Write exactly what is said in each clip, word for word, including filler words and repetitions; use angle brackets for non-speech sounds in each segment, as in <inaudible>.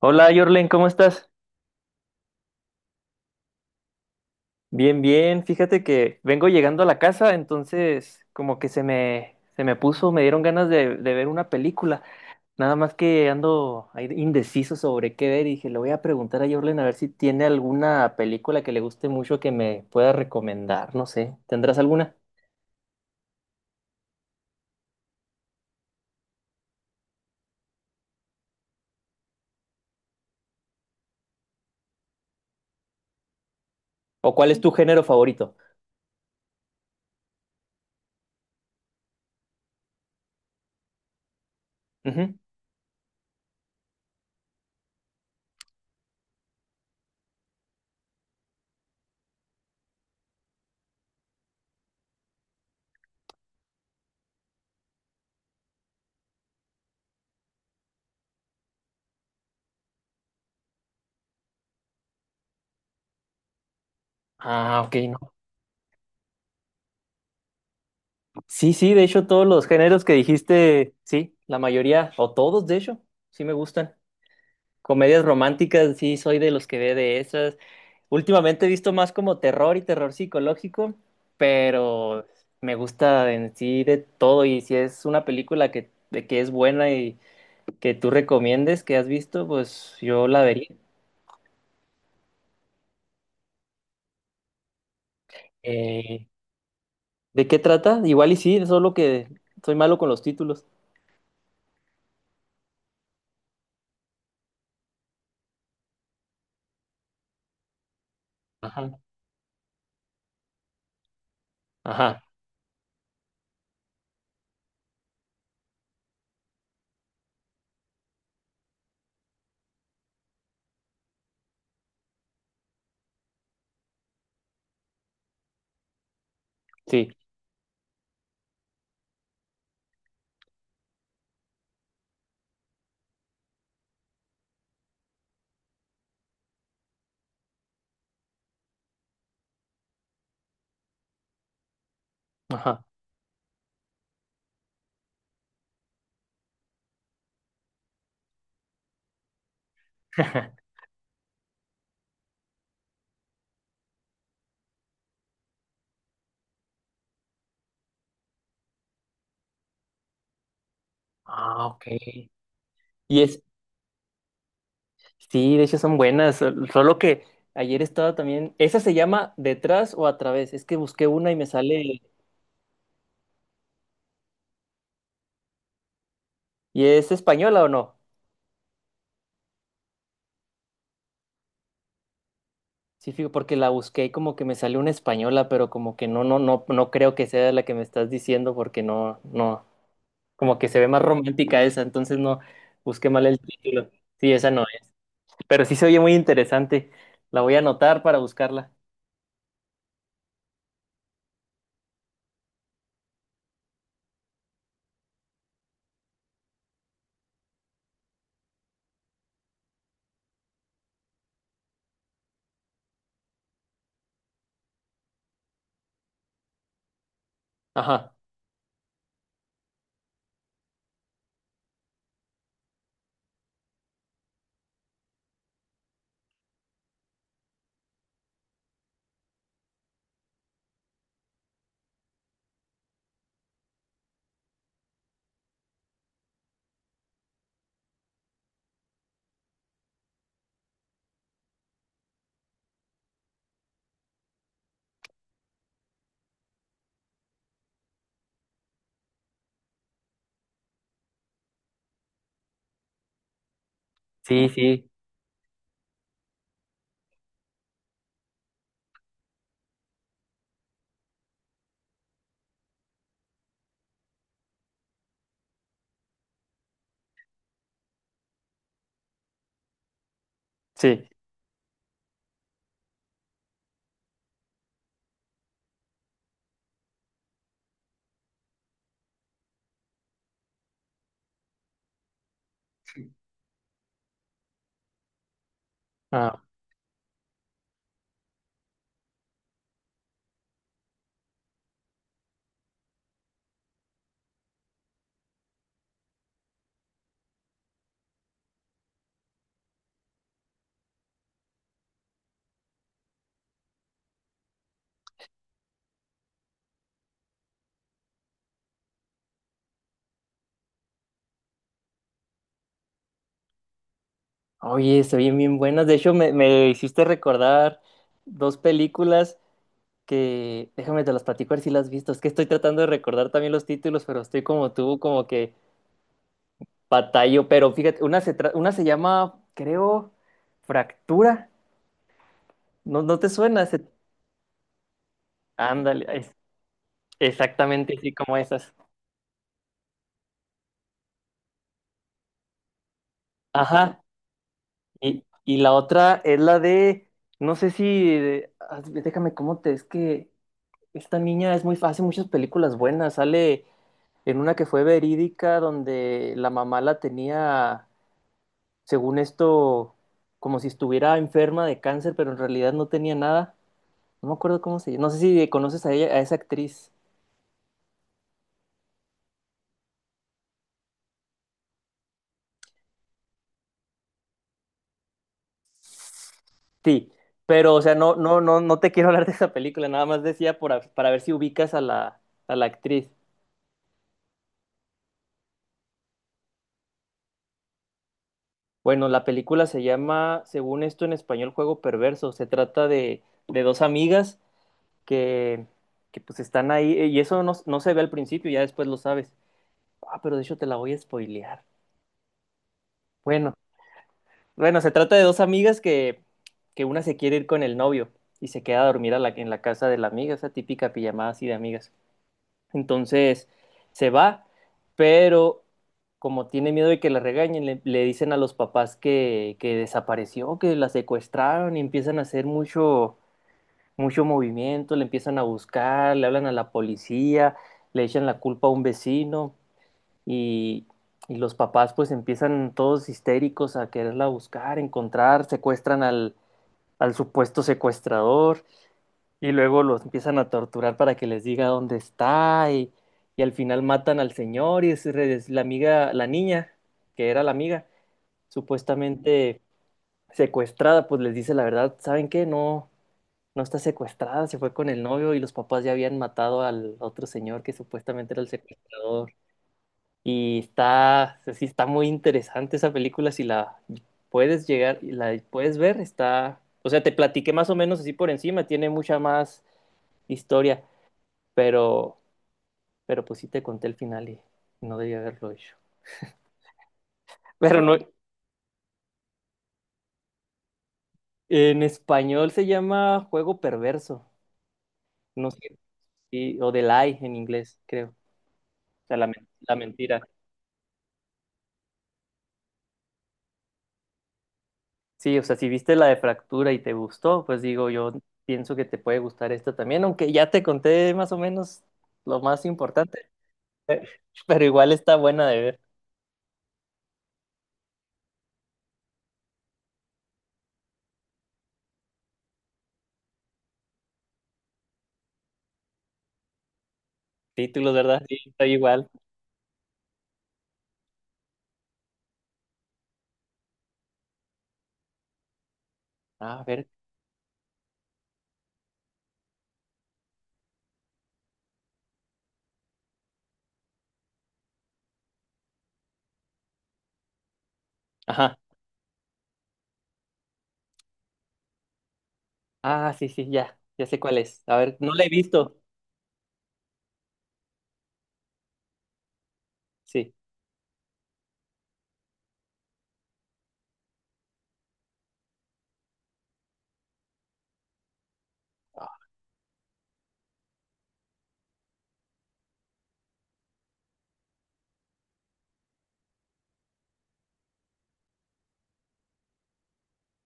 Hola, Yorlen, ¿cómo estás? Bien, bien. Fíjate que vengo llegando a la casa, entonces como que se me, se me puso, me dieron ganas de, de ver una película. Nada más que ando ahí indeciso sobre qué ver y dije, le voy a preguntar a Yorlen a ver si tiene alguna película que le guste mucho que me pueda recomendar. No sé, ¿tendrás alguna? ¿O cuál es tu género favorito? Ujú. Ah, ok, no. Sí, sí, de hecho todos los géneros que dijiste, sí, la mayoría, o todos de hecho, sí me gustan. Comedias románticas, sí, soy de los que ve de esas. Últimamente he visto más como terror y terror psicológico, pero me gusta en sí de todo y si es una película que, de que es buena y que tú recomiendes, que has visto, pues yo la vería. Eh, ¿De qué trata? Igual y sí, solo que soy malo con los títulos. Ajá. Ajá, sí. Ajá. <laughs> Ah, ok. ¿Y es, sí, de hecho son buenas, sol- solo que ayer estaba también, esa se llama Detrás o a través, es que busqué una y me sale, ¿y es española o no? Sí, fijo, porque la busqué y como que me salió una española, pero como que no, no, no, no creo que sea la que me estás diciendo porque no, no, como que se ve más romántica esa, entonces no, busqué mal el título. Sí, esa no es, pero sí se oye muy interesante, la voy a anotar para buscarla. Ajá, sí, sí, sí. Ah. Oye, se oyen bien buenas. De hecho, me, me hiciste recordar dos películas que, déjame te las platico a ver si las has visto. Es que estoy tratando de recordar también los títulos, pero estoy como tú, como que batallo. Pero fíjate, una se, tra- una se llama, creo, Fractura. ¿No, no te suena? Se- Ándale, es- exactamente así como esas. Ajá. Y, y la otra es la de, no sé si, de- ah, déjame cómo te, es que esta niña es muy, hace muchas películas buenas. Sale en una que fue verídica, donde la mamá la tenía, según esto, como si estuviera enferma de cáncer, pero en realidad no tenía nada. No me acuerdo cómo se llama. No sé si conoces a ella, a esa actriz. Sí, pero, o sea, no, no, no, no te quiero <laughs> hablar de esa película, nada más decía por a- para ver si ubicas a la, a la actriz. Bueno, la película se llama, según esto en español, Juego Perverso. Se trata de, de dos amigas que, que pues están ahí, y eso no, no se ve al principio, ya después lo sabes. Ah, pero de hecho te la voy a spoilear. Bueno, bueno, se trata de dos amigas que, que una se quiere ir con el novio y se queda a dormir a la- en la casa de la amiga, esa típica pijamada así de amigas. Entonces se va, pero como tiene miedo de que la regañen, le, le dicen a los papás que, que desapareció, que la secuestraron y empiezan a hacer mucho, mucho movimiento, le empiezan a buscar, le hablan a la policía, le echan la culpa a un vecino. Y, y los papás pues empiezan todos histéricos a quererla buscar, encontrar, secuestran al, al supuesto secuestrador y luego los empiezan a torturar para que les diga dónde está y, y al final matan al señor y es, es la amiga, la niña, que era la amiga, supuestamente secuestrada, pues les dice la verdad, ¿saben qué? No, no está secuestrada, se fue con el novio y los papás ya habían matado al otro señor que supuestamente era el secuestrador. Y está, sí, está muy interesante esa película, si la puedes llegar, la puedes ver, está, o sea, te platiqué más o menos así por encima, tiene mucha más historia, pero, pero pues sí te conté el final y no debía haberlo hecho. Pero no, en español se llama Juego Perverso, no sé, sí, o The Lie en inglés, creo, o sea, la, men- la mentira. Sí, o sea, si viste la de Fractura y te gustó, pues digo, yo pienso que te puede gustar esta también, aunque ya te conté más o menos lo más importante, <laughs> pero igual está buena de ver. Títulos, ¿verdad? Sí, está igual. A ver, ajá. Ah, sí, sí, ya, ya sé cuál es. A ver, no la he visto. Sí.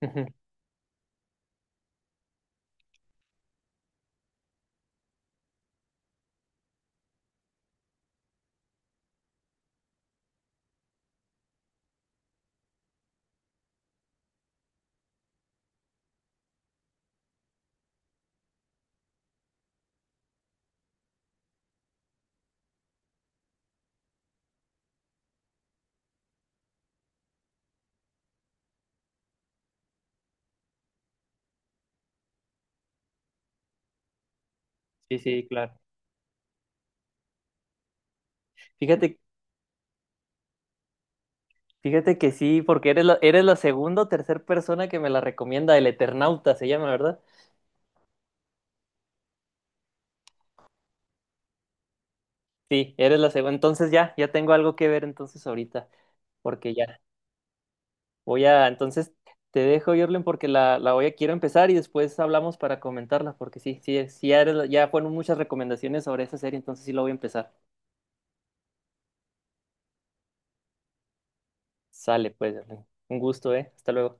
Ujú. Sí, sí, claro. Fíjate, fíjate que sí, porque eres la, eres la segunda o tercera persona que me la recomienda, el Eternauta se llama, ¿verdad? Sí, eres la segunda. Entonces ya, ya tengo algo que ver entonces ahorita, porque ya. Voy a, entonces te dejo, Jorlen, porque la, la voy a, quiero empezar y después hablamos para comentarla, porque sí, sí, sí, ya, eres- ya fueron muchas recomendaciones sobre esa serie, entonces sí la voy a empezar. Sale, pues, Jorlen. Un gusto, ¿eh? Hasta luego.